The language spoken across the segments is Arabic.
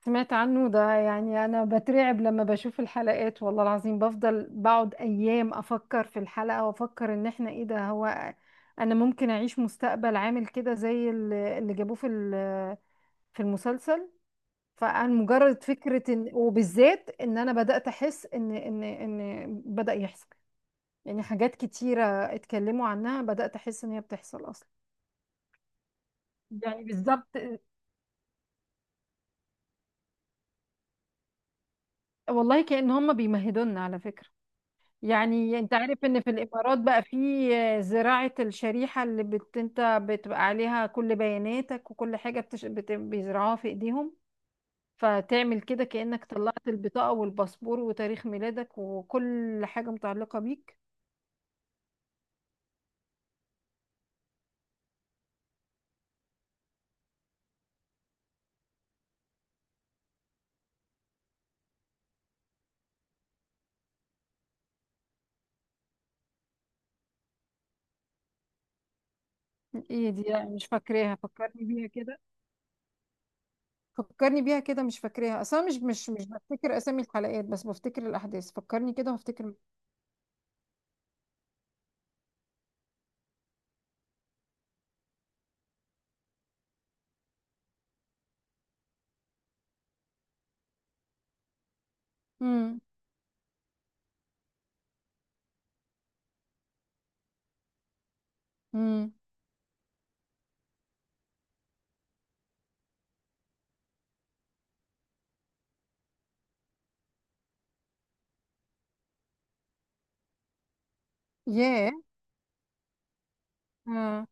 سمعت عنه ده، يعني انا بترعب لما بشوف الحلقات، والله العظيم بفضل بقعد ايام افكر في الحلقة وافكر ان احنا ايه ده. هو انا ممكن اعيش مستقبل عامل كده زي اللي جابوه في في المسلسل. فانا مجرد فكرة ان، وبالذات ان انا بدأت احس ان بدأ يحصل يعني حاجات كتيرة اتكلموا عنها، بدأت احس ان هي بتحصل اصلا. يعني بالظبط، والله كأن هم بيمهدونا على فكرة. يعني انت عارف ان في الامارات بقى في زراعة الشريحة اللي انت بتبقى عليها كل بياناتك وكل حاجة بيزرعوها في ايديهم، فتعمل كده كأنك طلعت البطاقة والباسبور وتاريخ ميلادك وكل حاجة متعلقة بيك. ايه دي؟ لا، مش فاكراها، فكرني بيها كده. فكرني بيها كده، مش فاكراها اصلا، مش بفتكر اسامي الحلقات بس بفتكر الاحداث. فكرني كده وافتكر. امم. امم. ياه. آه.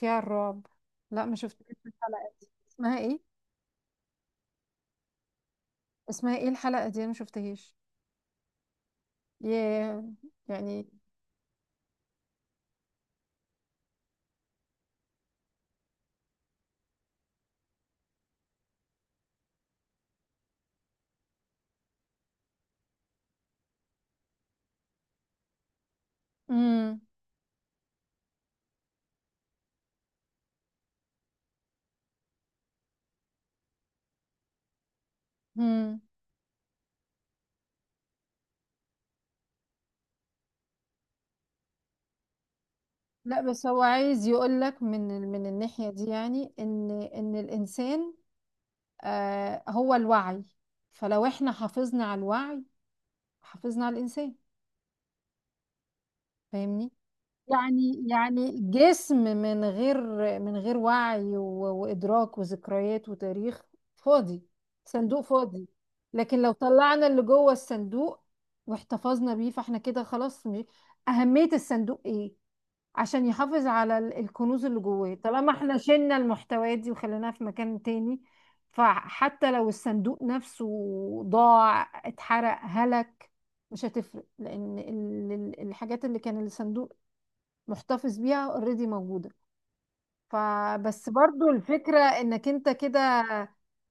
خيال رعب. لا، ما شفتهاش الحلقة دي، اسمها ايه؟ اسمها ايه الحلقة دي؟ انا ما شفتهاش. ياه. يعني. امم. امم. لا بس هو عايز يقول لك من من الناحية دي يعني ان الانسان آه هو الوعي. فلو احنا حافظنا على الوعي، حافظنا على الانسان. فاهمني؟ يعني جسم من غير من غير وعي وإدراك وذكريات وتاريخ، فاضي. صندوق فاضي. لكن لو طلعنا اللي جوه الصندوق واحتفظنا بيه فاحنا كده خلاص. أهمية الصندوق ايه؟ عشان يحافظ على الكنوز اللي جواه. طالما احنا شلنا المحتويات دي وخليناها في مكان تاني، فحتى لو الصندوق نفسه ضاع، اتحرق، هلك، مش هتفرق، لأن الحاجات اللي كان الصندوق محتفظ بيها اوريدي موجودة. فبس برضو الفكرة انك انت كده،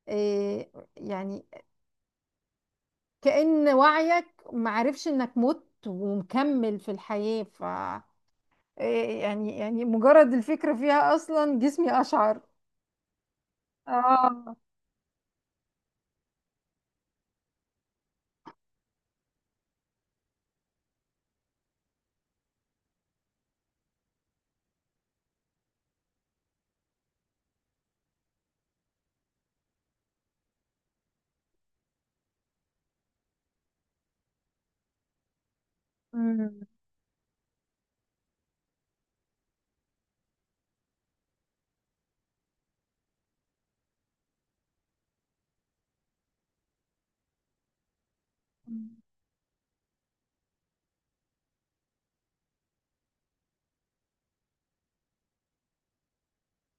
إيه، يعني كأن وعيك معرفش انك مت ومكمل في الحياة. ف إيه، يعني، مجرد الفكرة فيها اصلا جسمي اشعر. اه. امم.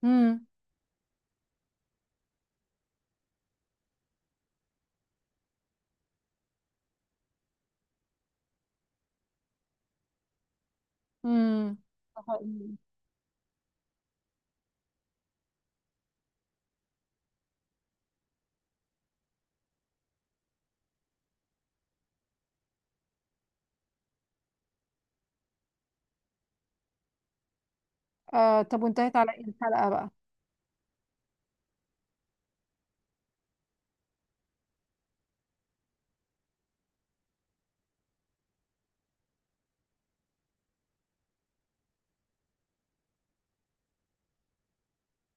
امم. امم. آه، طب وانتهت على ايه الحلقة بقى؟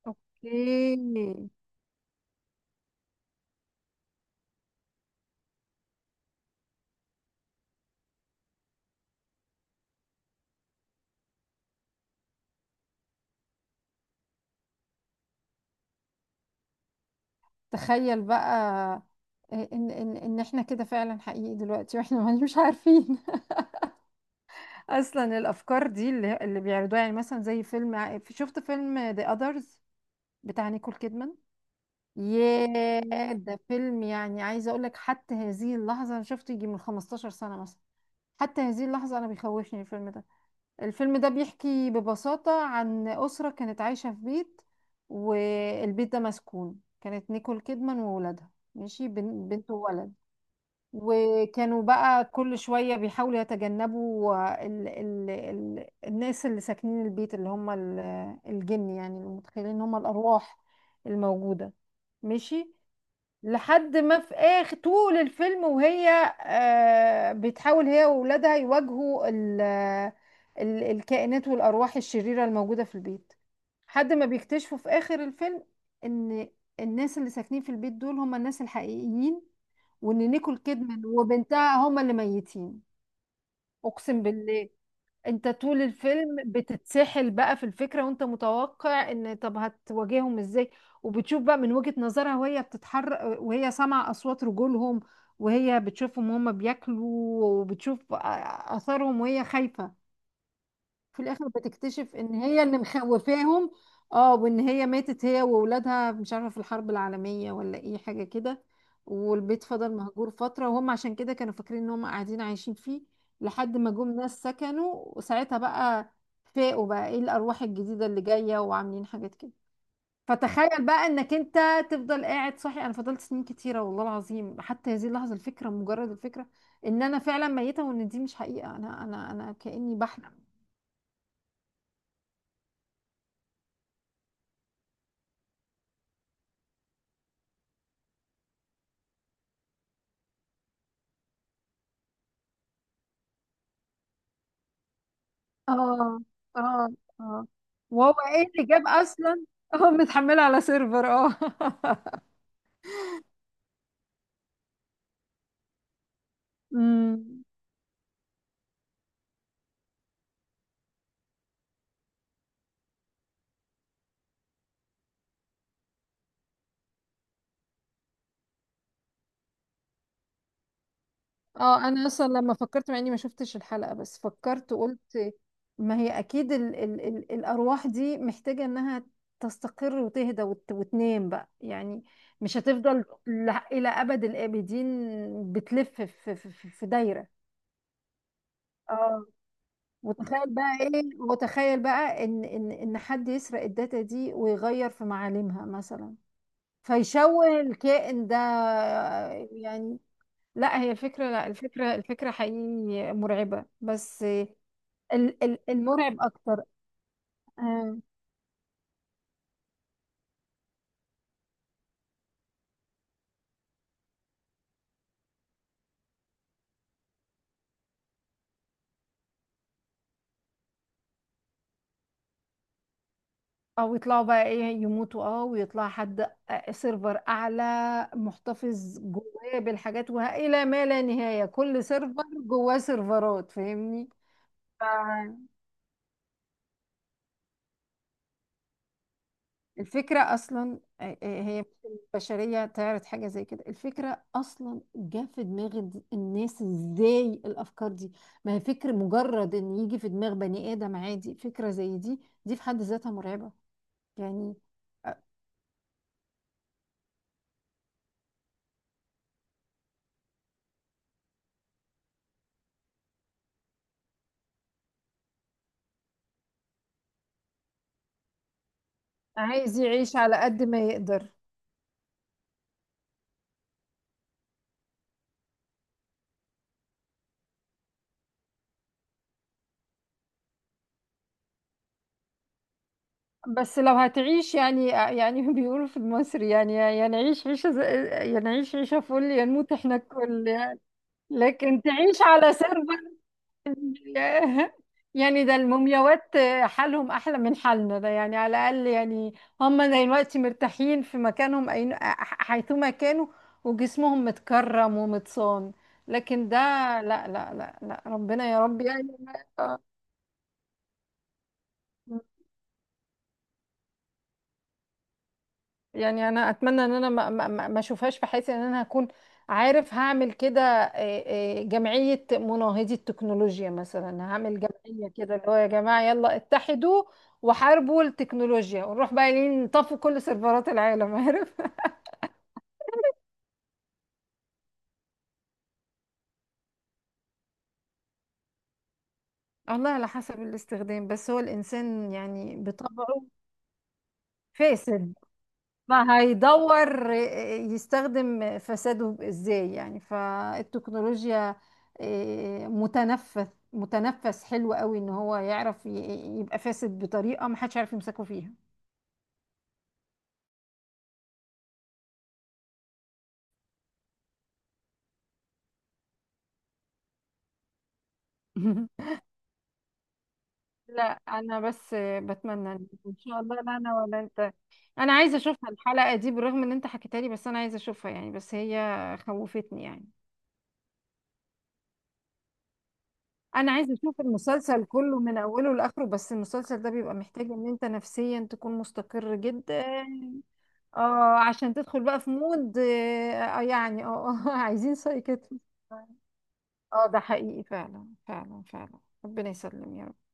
اوكي. تخيل بقى آه، ان احنا كده فعلا حقيقي دلوقتي واحنا مش عارفين. اصلا الافكار دي اللي بيعرضوها، يعني مثلا زي فيلم شفت فيلم ذا اذرز بتاع نيكول كيدمان؟ ياه، ده فيلم، يعني عايزه اقول لك حتى هذه اللحظه انا شفته يجي من 15 سنه مثلا، حتى هذه اللحظه انا بيخوفني الفيلم ده. الفيلم ده بيحكي ببساطه عن اسره كانت عايشه في بيت، والبيت ده مسكون. كانت نيكول كيدمان وولادها، ماشي، بنت وولد. وكانوا بقى كل شوية بيحاولوا يتجنبوا ال الناس اللي ساكنين البيت، اللي هم الجن يعني، اللي متخيلين ان هم الأرواح الموجودة، ماشي. لحد ما في آخر طول الفيلم وهي آه بتحاول هي وولادها يواجهوا ال الكائنات والأرواح الشريرة الموجودة في البيت، لحد ما بيكتشفوا في آخر الفيلم إن الناس اللي ساكنين في البيت دول هم الناس الحقيقيين، وان نيكول كيدمان وبنتها هما اللي ميتين. اقسم بالله، انت طول الفيلم بتتسحل بقى في الفكرة، وانت متوقع ان طب هتواجههم ازاي، وبتشوف بقى من وجهة نظرها وهي بتتحرك وهي سامعة اصوات رجولهم، وهي بتشوفهم هما بياكلوا، وبتشوف اثرهم وهي خايفة. في الاخر بتكتشف ان هي اللي مخوفاهم. اه، وان هي ماتت هي واولادها، مش عارفه في الحرب العالميه ولا ايه حاجه كده. والبيت فضل مهجور فتره، وهم عشان كده كانوا فاكرين ان هم قاعدين عايشين فيه، لحد ما جم ناس سكنوا، وساعتها بقى فاقوا بقى ايه الارواح الجديده اللي جايه وعاملين حاجات كده. فتخيل بقى انك انت تفضل قاعد صاحي. انا فضلت سنين كتيره والله العظيم، حتى هذه اللحظه الفكره، مجرد الفكره ان انا فعلا ميته وان دي مش حقيقه، انا انا كاني بحلم. اه. اه. اه. وهو ايه اللي جاب اصلا؟ اه متحمله على سيرفر اه. امم. اه انا اصلا لما فكرت، مع اني ما شفتش الحلقه بس فكرت وقلت، ما هي اكيد ال الارواح دي محتاجه انها تستقر وتهدى وتنام بقى يعني، مش هتفضل الى ابد الابدين بتلف في في دايره. اه، وتخيل بقى ايه، وتخيل بقى ان ان حد يسرق الداتا دي ويغير في معالمها مثلا، فيشوه الكائن ده. يعني لا هي الفكرة، لا الفكرة، الفكرة حقيقي مرعبة، بس المرعب اكتر آه، او يطلعوا بقى ايه يموتوا، اه ويطلع حد آه، سيرفر اعلى محتفظ جواه بالحاجات، والى ما لا نهاية، كل سيرفر جواه سيرفرات، فاهمني؟ الفكرة أصلا آه، آه، هي مش البشرية تعرض حاجة زي كده، الفكرة أصلا جه في دماغ الناس إزاي الأفكار دي؟ ما هي فكرة، مجرد إن يجي في دماغ بني آدم عادي فكرة زي دي، دي في حد ذاتها مرعبة يعني. آه، عايز يعيش على قد ما يقدر. بس لو هتعيش، يعني يعني بيقولوا في مصر يعني، نعيش عيشة يعني نعيش عيشة فل يا نموت احنا الكل. لكن تعيش على سرب، ياه. يعني ده المومياوات حالهم احلى من حالنا ده، يعني على الاقل يعني هم دلوقتي مرتاحين في مكانهم أين حيثما كانوا، وجسمهم متكرم ومتصان. لكن ده لا لا، ربنا يا رب يعني. يعني انا اتمنى ان انا ما اشوفهاش في حياتي، ان انا هكون عارف هعمل كده آه، آه، جمعية مناهضي التكنولوجيا مثلا، هعمل جمعية كده اللي هو يا جماعة يلا اتحدوا وحاربوا التكنولوجيا، ونروح بقى إيه نطفوا كل سيرفرات العالم، عارف؟ والله على حسب الاستخدام، بس هو الانسان يعني بطبعه فاسد، ما هيدور يستخدم فساده ازاي يعني، فالتكنولوجيا آه، متنفس، متنفس حلو قوي ان هو يعرف يبقى فاسد بطريقة ما حدش عارف يمسكه فيها. لا، انا بس بتمنى ان ان شاء الله لا انا ولا انت. انا عايزه اشوفها الحلقه دي بالرغم ان انت حكيتها لي، بس انا عايزه اشوفها يعني، بس هي خوفتني يعني. انا عايزه اشوف المسلسل كله من اوله لاخره، بس المسلسل ده بيبقى محتاج ان انت نفسيا تكون مستقر جدا، اه، عشان تدخل بقى في مود آه، آه، يعني اه آه، عايزين سايكاتري. اه ده حقيقي فعلا فعلا فعلا. ربنا يسلم يا رب.